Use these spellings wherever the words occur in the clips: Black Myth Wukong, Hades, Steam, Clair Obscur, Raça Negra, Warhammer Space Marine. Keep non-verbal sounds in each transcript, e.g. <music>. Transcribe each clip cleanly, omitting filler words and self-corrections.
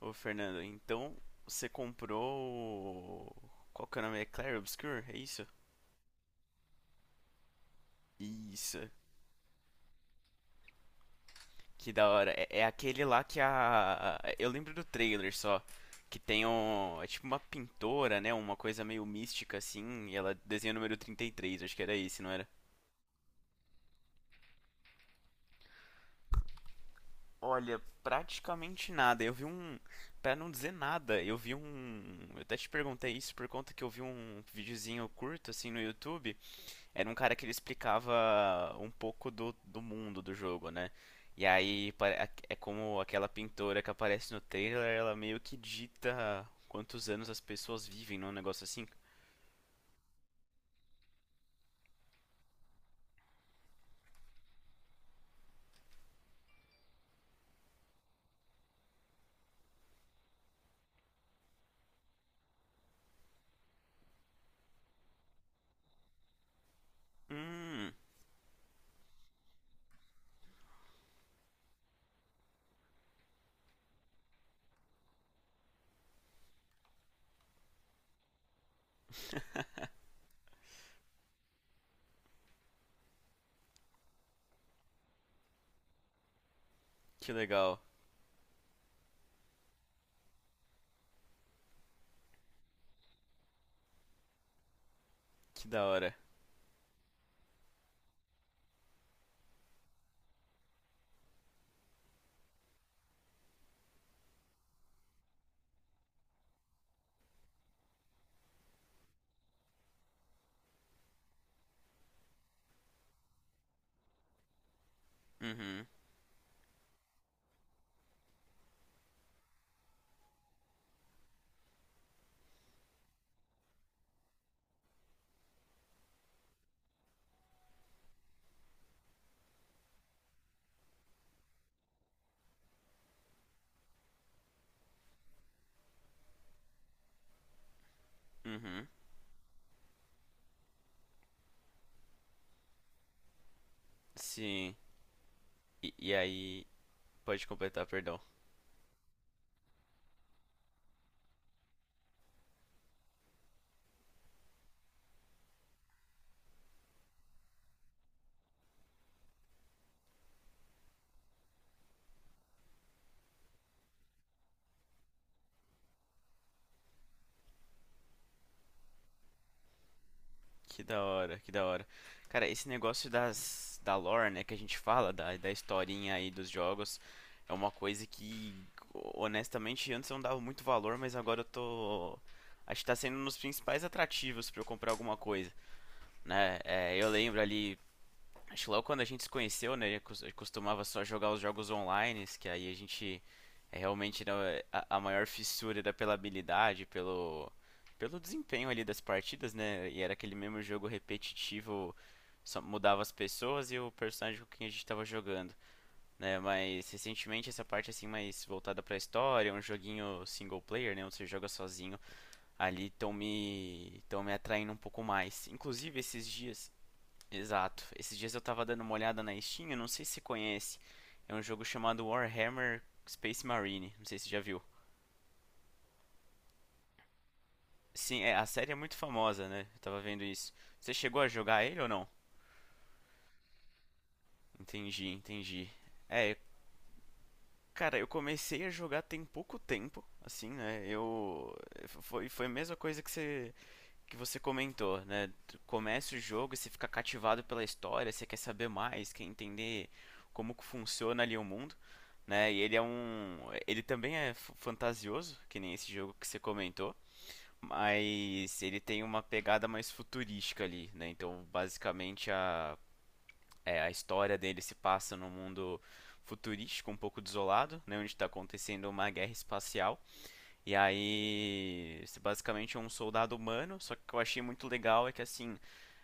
Ô, Fernando, então você comprou. Qual que é o nome? É Clair Obscur? É isso? Isso. Que da hora. É aquele lá que a. Eu lembro do trailer só. Que tem um. É tipo uma pintora, né? Uma coisa meio mística assim. E ela desenha o número trinta e três. Acho que era esse, não era? Olha, praticamente nada. Eu vi um. Pra não dizer nada, eu vi um. Eu até te perguntei isso por conta que eu vi um videozinho curto assim no YouTube. Era um cara que ele explicava um pouco do mundo do jogo, né? E aí pare- É como aquela pintora que aparece no trailer, ela meio que dita quantos anos as pessoas vivem, não? Um negócio assim. Hum, que legal, que da hora. Uhum, uhum, sim. E, e aí, Pode completar, perdão. Que da hora, que da hora. Cara, esse negócio da lore, né, que a gente fala, da historinha aí dos jogos, é uma coisa que, honestamente, antes eu não dava muito valor, mas agora eu tô. Acho que tá sendo um dos principais atrativos pra eu comprar alguma coisa, né? É, eu lembro ali, acho que logo quando a gente se conheceu, né, eu costumava só jogar os jogos online, que aí a gente é realmente né, a maior fissura era pela habilidade, pelo, pelo desempenho ali das partidas, né? E era aquele mesmo jogo repetitivo, só mudava as pessoas e o personagem com quem a gente estava jogando, né? Mas recentemente essa parte assim mais voltada para a história, um joguinho single player, né, onde você joga sozinho, ali estão me tão me atraindo um pouco mais. Inclusive esses dias. Exato. Esses dias eu tava dando uma olhada na Steam, eu não sei se você conhece. É um jogo chamado Warhammer Space Marine, não sei se você já viu. Sim, é, a série é muito famosa, né? Eu tava vendo isso. Você chegou a jogar ele ou não? Entendi, entendi. É, cara, eu comecei a jogar tem pouco tempo, assim, né? Eu foi a mesma coisa que você comentou, né? Começa o jogo e você fica cativado pela história, você quer saber mais, quer entender como que funciona ali o mundo, né? E ele é um, ele também é fantasioso, que nem esse jogo que você comentou, mas ele tem uma pegada mais futurística ali, né? Então, basicamente a É, a história dele se passa num mundo futurístico, um pouco desolado, né, onde está acontecendo uma guerra espacial e aí, esse basicamente é um soldado humano, só que o que eu achei muito legal é que assim,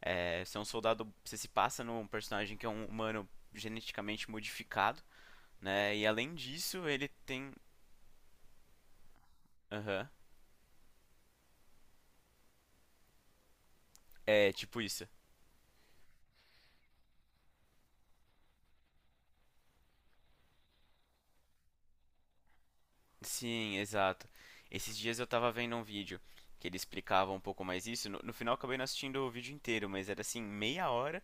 é, você é um soldado, você se passa num personagem que é um humano geneticamente modificado, né? E além disso, ele tem, aham, é tipo isso. Sim, exato. Esses dias eu tava vendo um vídeo que ele explicava um pouco mais isso. No final eu acabei não assistindo o vídeo inteiro, mas era assim, meia hora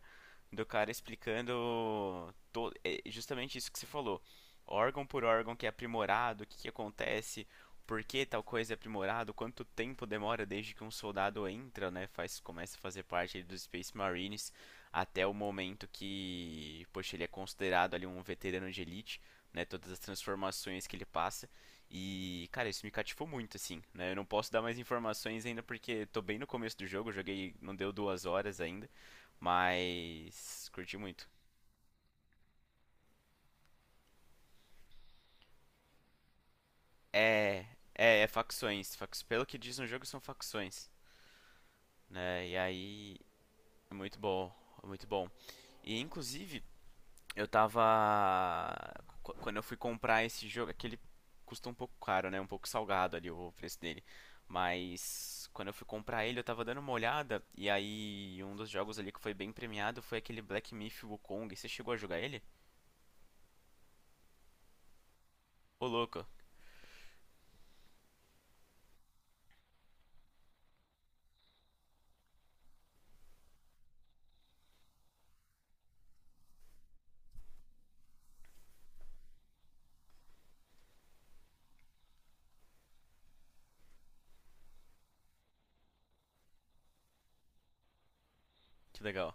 do cara explicando. É justamente isso que você falou. Órgão por órgão que é aprimorado, o que que acontece, por que tal coisa é aprimorado, quanto tempo demora desde que um soldado entra, né, faz, começa a fazer parte ali dos Space Marines, até o momento que, poxa, ele é considerado ali um veterano de elite, né, todas as transformações que ele passa. E, cara, isso me cativou muito, assim, né? Eu não posso dar mais informações ainda porque tô bem no começo do jogo, eu joguei, não deu duas horas ainda, mas curti muito. É, é facções, pelo que diz no jogo são facções, né? E aí é muito bom, é muito bom. E inclusive, Eu tava. Quando eu fui comprar esse jogo, aquele custa um pouco caro, né? Um pouco salgado ali o preço dele. Mas quando eu fui comprar ele, eu tava dando uma olhada. E aí, um dos jogos ali que foi bem premiado foi aquele Black Myth Wukong. Você chegou a jogar ele? Ô, louco, que legal.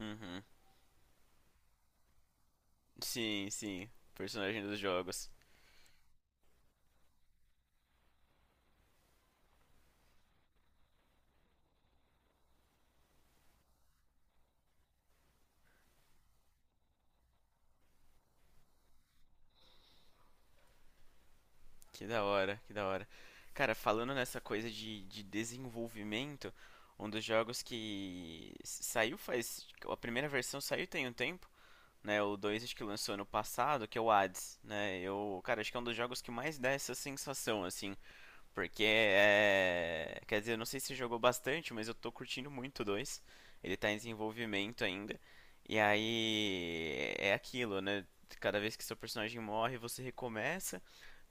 Uhum. Sim, sim. Personagem dos jogos. Que da hora, que da hora. Cara, falando nessa coisa de desenvolvimento, um dos jogos que saiu faz. A primeira versão saiu tem um tempo. Né, o 2 que lançou ano passado, que é o Hades, né? Eu, cara, acho que é um dos jogos que mais dá essa sensação, assim, porque é, quer dizer, eu não sei se jogou bastante, mas eu tô curtindo muito o 2. Ele tá em desenvolvimento ainda. E aí é aquilo, né? Cada vez que seu personagem morre, você recomeça,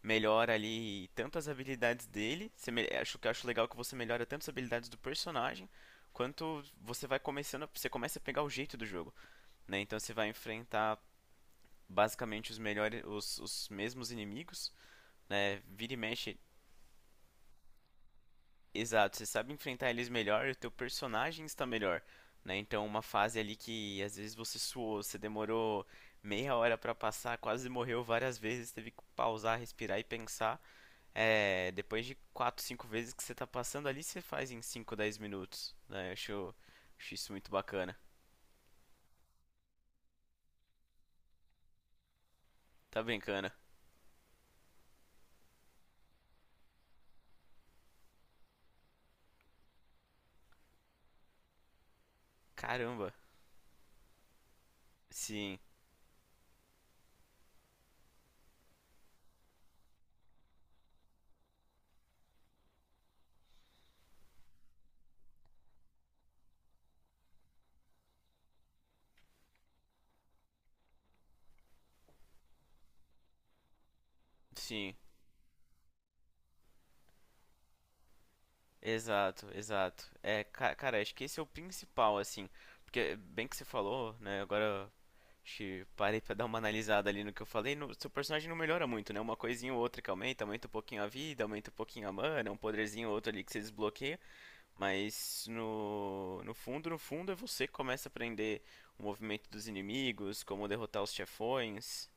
melhora ali tanto as habilidades dele. Acho que acho legal que você melhora tanto as habilidades do personagem, quanto você vai começando, você começa a pegar o jeito do jogo, né? Então você vai enfrentar basicamente os melhores, os mesmos inimigos, né? Vira e mexe, exato, você sabe enfrentar eles melhor e o teu personagem está melhor, né? Então uma fase ali que às vezes você suou, você demorou meia hora pra passar, quase morreu várias vezes, teve que pausar, respirar e pensar. É, depois de 4 5 vezes que você tá passando ali, você faz em 5 10 minutos, né? Eu acho, acho isso muito bacana. Tá brincando? Caramba. Sim, sim. Exato, exato. É, cara, acho que esse é o principal, assim. Porque, bem que você falou, né? Agora acho que parei pra dar uma analisada ali no que eu falei. No, seu personagem não melhora muito, né? Uma coisinha ou outra que aumenta, aumenta um pouquinho a vida, aumenta um pouquinho a mana, um poderzinho ou outro ali que você desbloqueia. Mas no fundo, no fundo, é você que começa a aprender o movimento dos inimigos, como derrotar os chefões.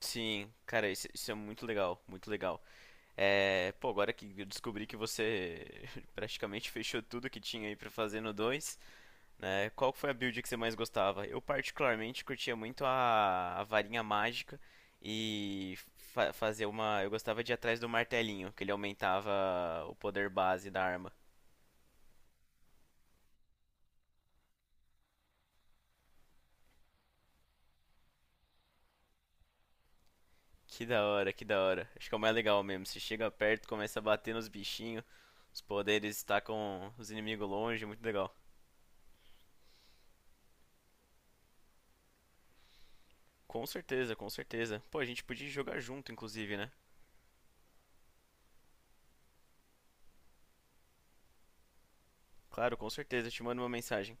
Sim, cara, isso é muito legal, muito legal. É, pô, agora que eu descobri que você <laughs> praticamente fechou tudo que tinha aí pra fazer no 2, né? Qual foi a build que você mais gostava? Eu particularmente curtia muito a varinha mágica e fazer uma, eu gostava de ir atrás do martelinho, que ele aumentava o poder base da arma. Que da hora, que da hora. Acho que é o mais legal mesmo. Você chega perto, começa a bater nos bichinhos, os poderes estacam os inimigos longe, muito legal. Com certeza, com certeza. Pô, a gente podia jogar junto, inclusive, né? Claro, com certeza, eu te mando uma mensagem.